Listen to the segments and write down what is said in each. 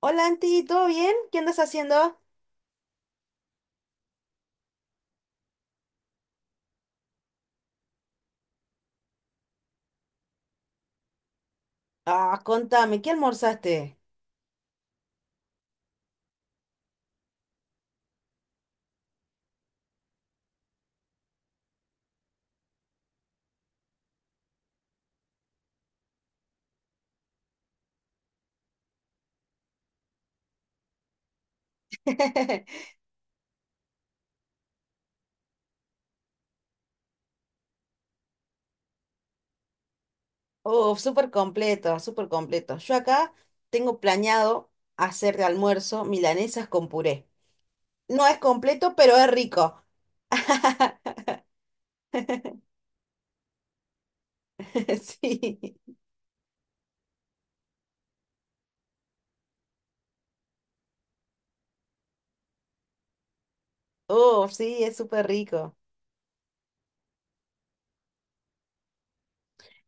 Hola, Anti, ¿todo bien? ¿Qué andas haciendo? Ah, contame, ¿qué almorzaste? Uf, súper completo, súper completo. Yo acá tengo planeado hacer de almuerzo milanesas con puré. No es completo, pero es rico. Sí. Uf, sí, es súper rico.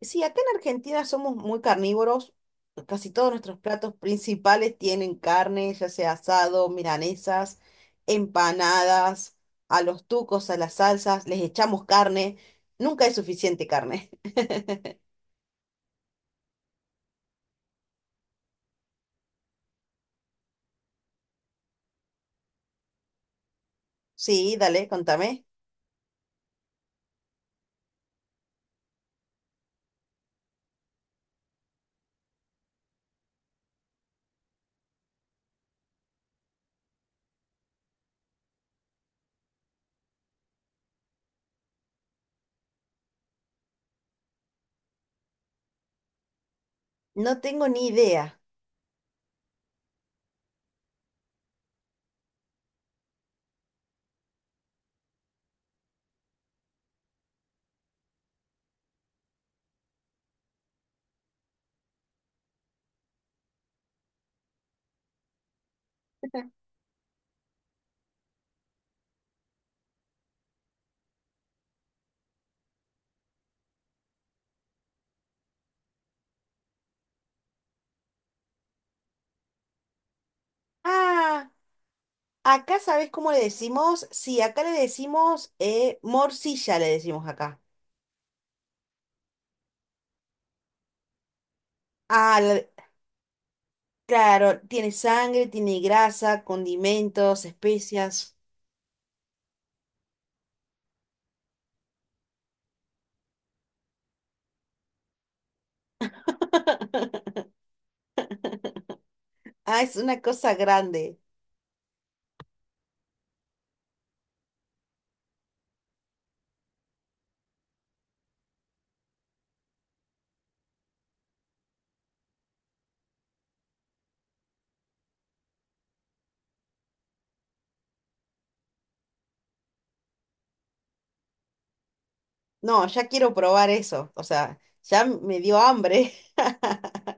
Sí, acá en Argentina somos muy carnívoros. Casi todos nuestros platos principales tienen carne, ya sea asado, milanesas, empanadas, a los tucos, a las salsas, les echamos carne. Nunca es suficiente carne. Sí, dale, contame. No tengo ni idea. Ah, acá sabes cómo le decimos. Sí, acá le decimos morcilla, le decimos acá. Ah, claro, tiene sangre, tiene grasa, condimentos, especias. Ah, es una cosa grande. No, ya quiero probar eso. O sea, ya me dio hambre.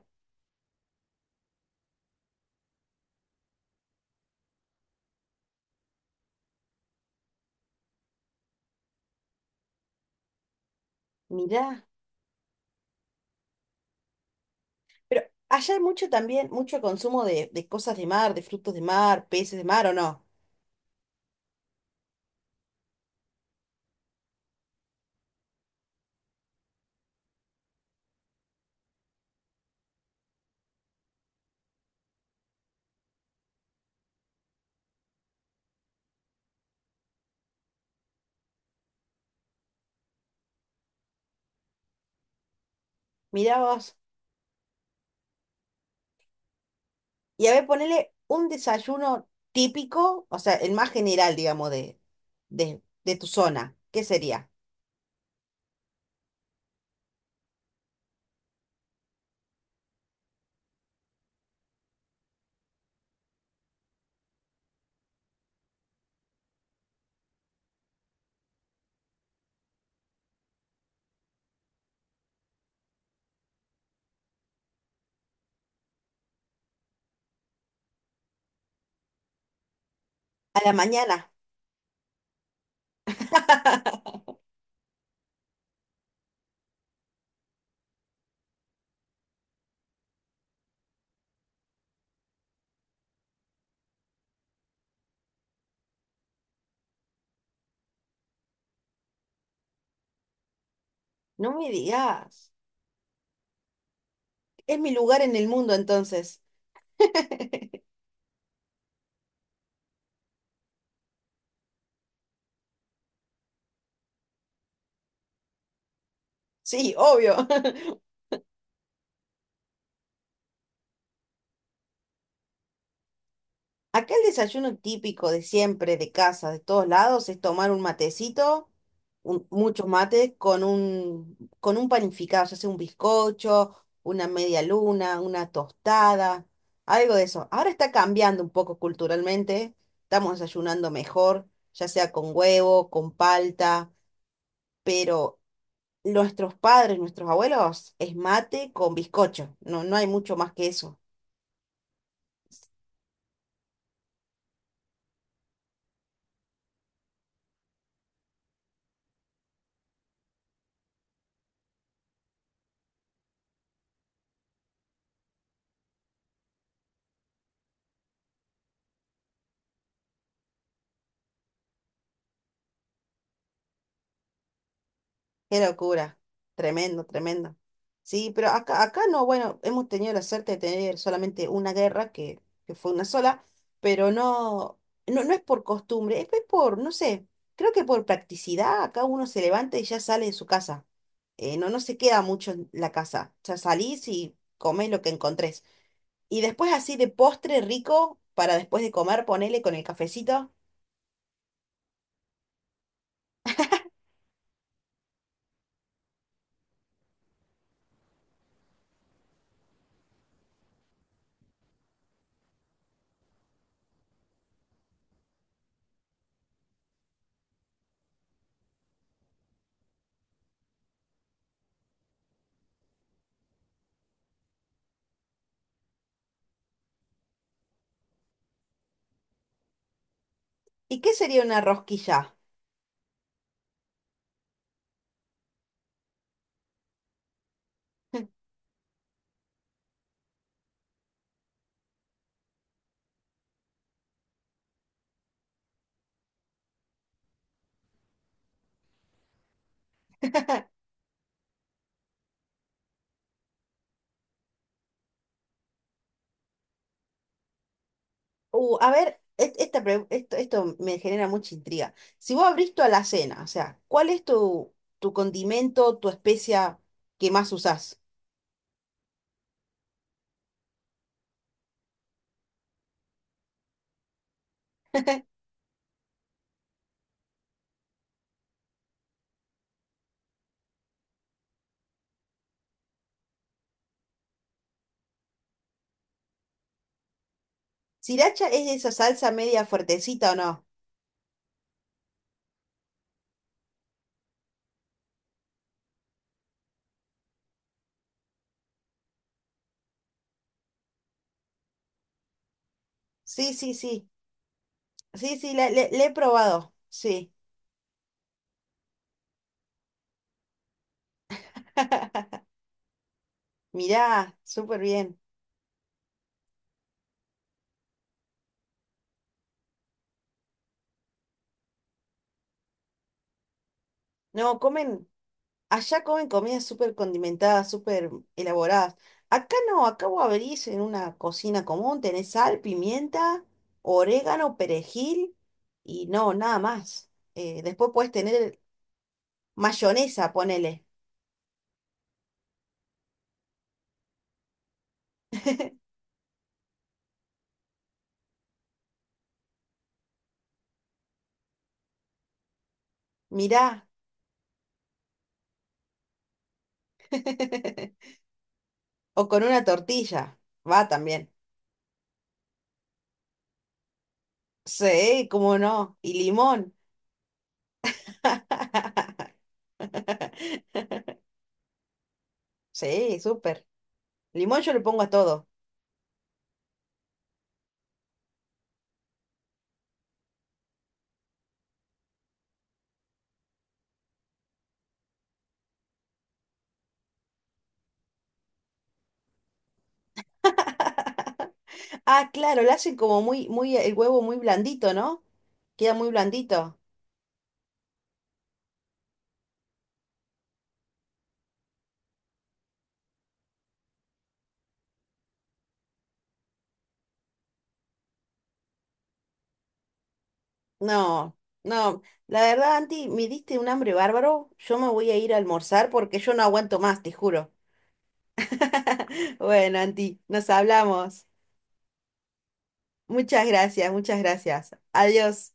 Mirá. Pero allá hay mucho también, mucho consumo de cosas de mar, de frutos de mar, peces de mar, ¿o no? Mirá vos. Y a ver, ponele un desayuno típico, o sea, el más general, digamos, de tu zona. ¿Qué sería? A la mañana. No me digas. Es mi lugar en el mundo, entonces. Sí, obvio. Acá el desayuno típico de siempre, de casa, de todos lados, es tomar un matecito, muchos mates, con un panificado, ya sea un bizcocho, una media luna, una tostada, algo de eso. Ahora está cambiando un poco culturalmente, estamos desayunando mejor, ya sea con huevo, con palta, pero nuestros padres, nuestros abuelos, es mate con bizcocho, no hay mucho más que eso. Qué locura, tremendo, tremendo. Sí, pero acá no, bueno, hemos tenido la suerte de tener solamente una guerra, que fue una sola, pero no es por costumbre, es por, no sé, creo que por practicidad acá uno se levanta y ya sale de su casa. No se queda mucho en la casa, o sea, salís y comés lo que encontrés. Y después así de postre rico, para después de comer, ponele con el cafecito. ¿Y qué sería una rosquilla? A ver, esto, me genera mucha intriga. Si vos abrís toda la cena, o sea, ¿cuál es tu condimento, tu especia que más usás? ¿Sriracha es esa salsa media fuertecita o no? Sí, sí, sí. Sí, sí, le he probado. Sí. Mirá, súper bien. No, comen. Allá comen comidas súper condimentadas, súper elaboradas. Acá no, acá vos abrís en una cocina común, tenés sal, pimienta, orégano, perejil y no, nada más. Después puedes tener mayonesa, ponele. Mirá, o con una tortilla, va también. Sí, cómo no. Y limón. Sí, súper. Limón yo le pongo a todo. Ah, claro, lo hacen como muy, muy, el huevo muy blandito, ¿no? Queda muy blandito. No, no, la verdad, Anti, me diste un hambre bárbaro. Yo me voy a ir a almorzar porque yo no aguanto más, te juro. Bueno, Anti, nos hablamos. Muchas gracias, muchas gracias. Adiós.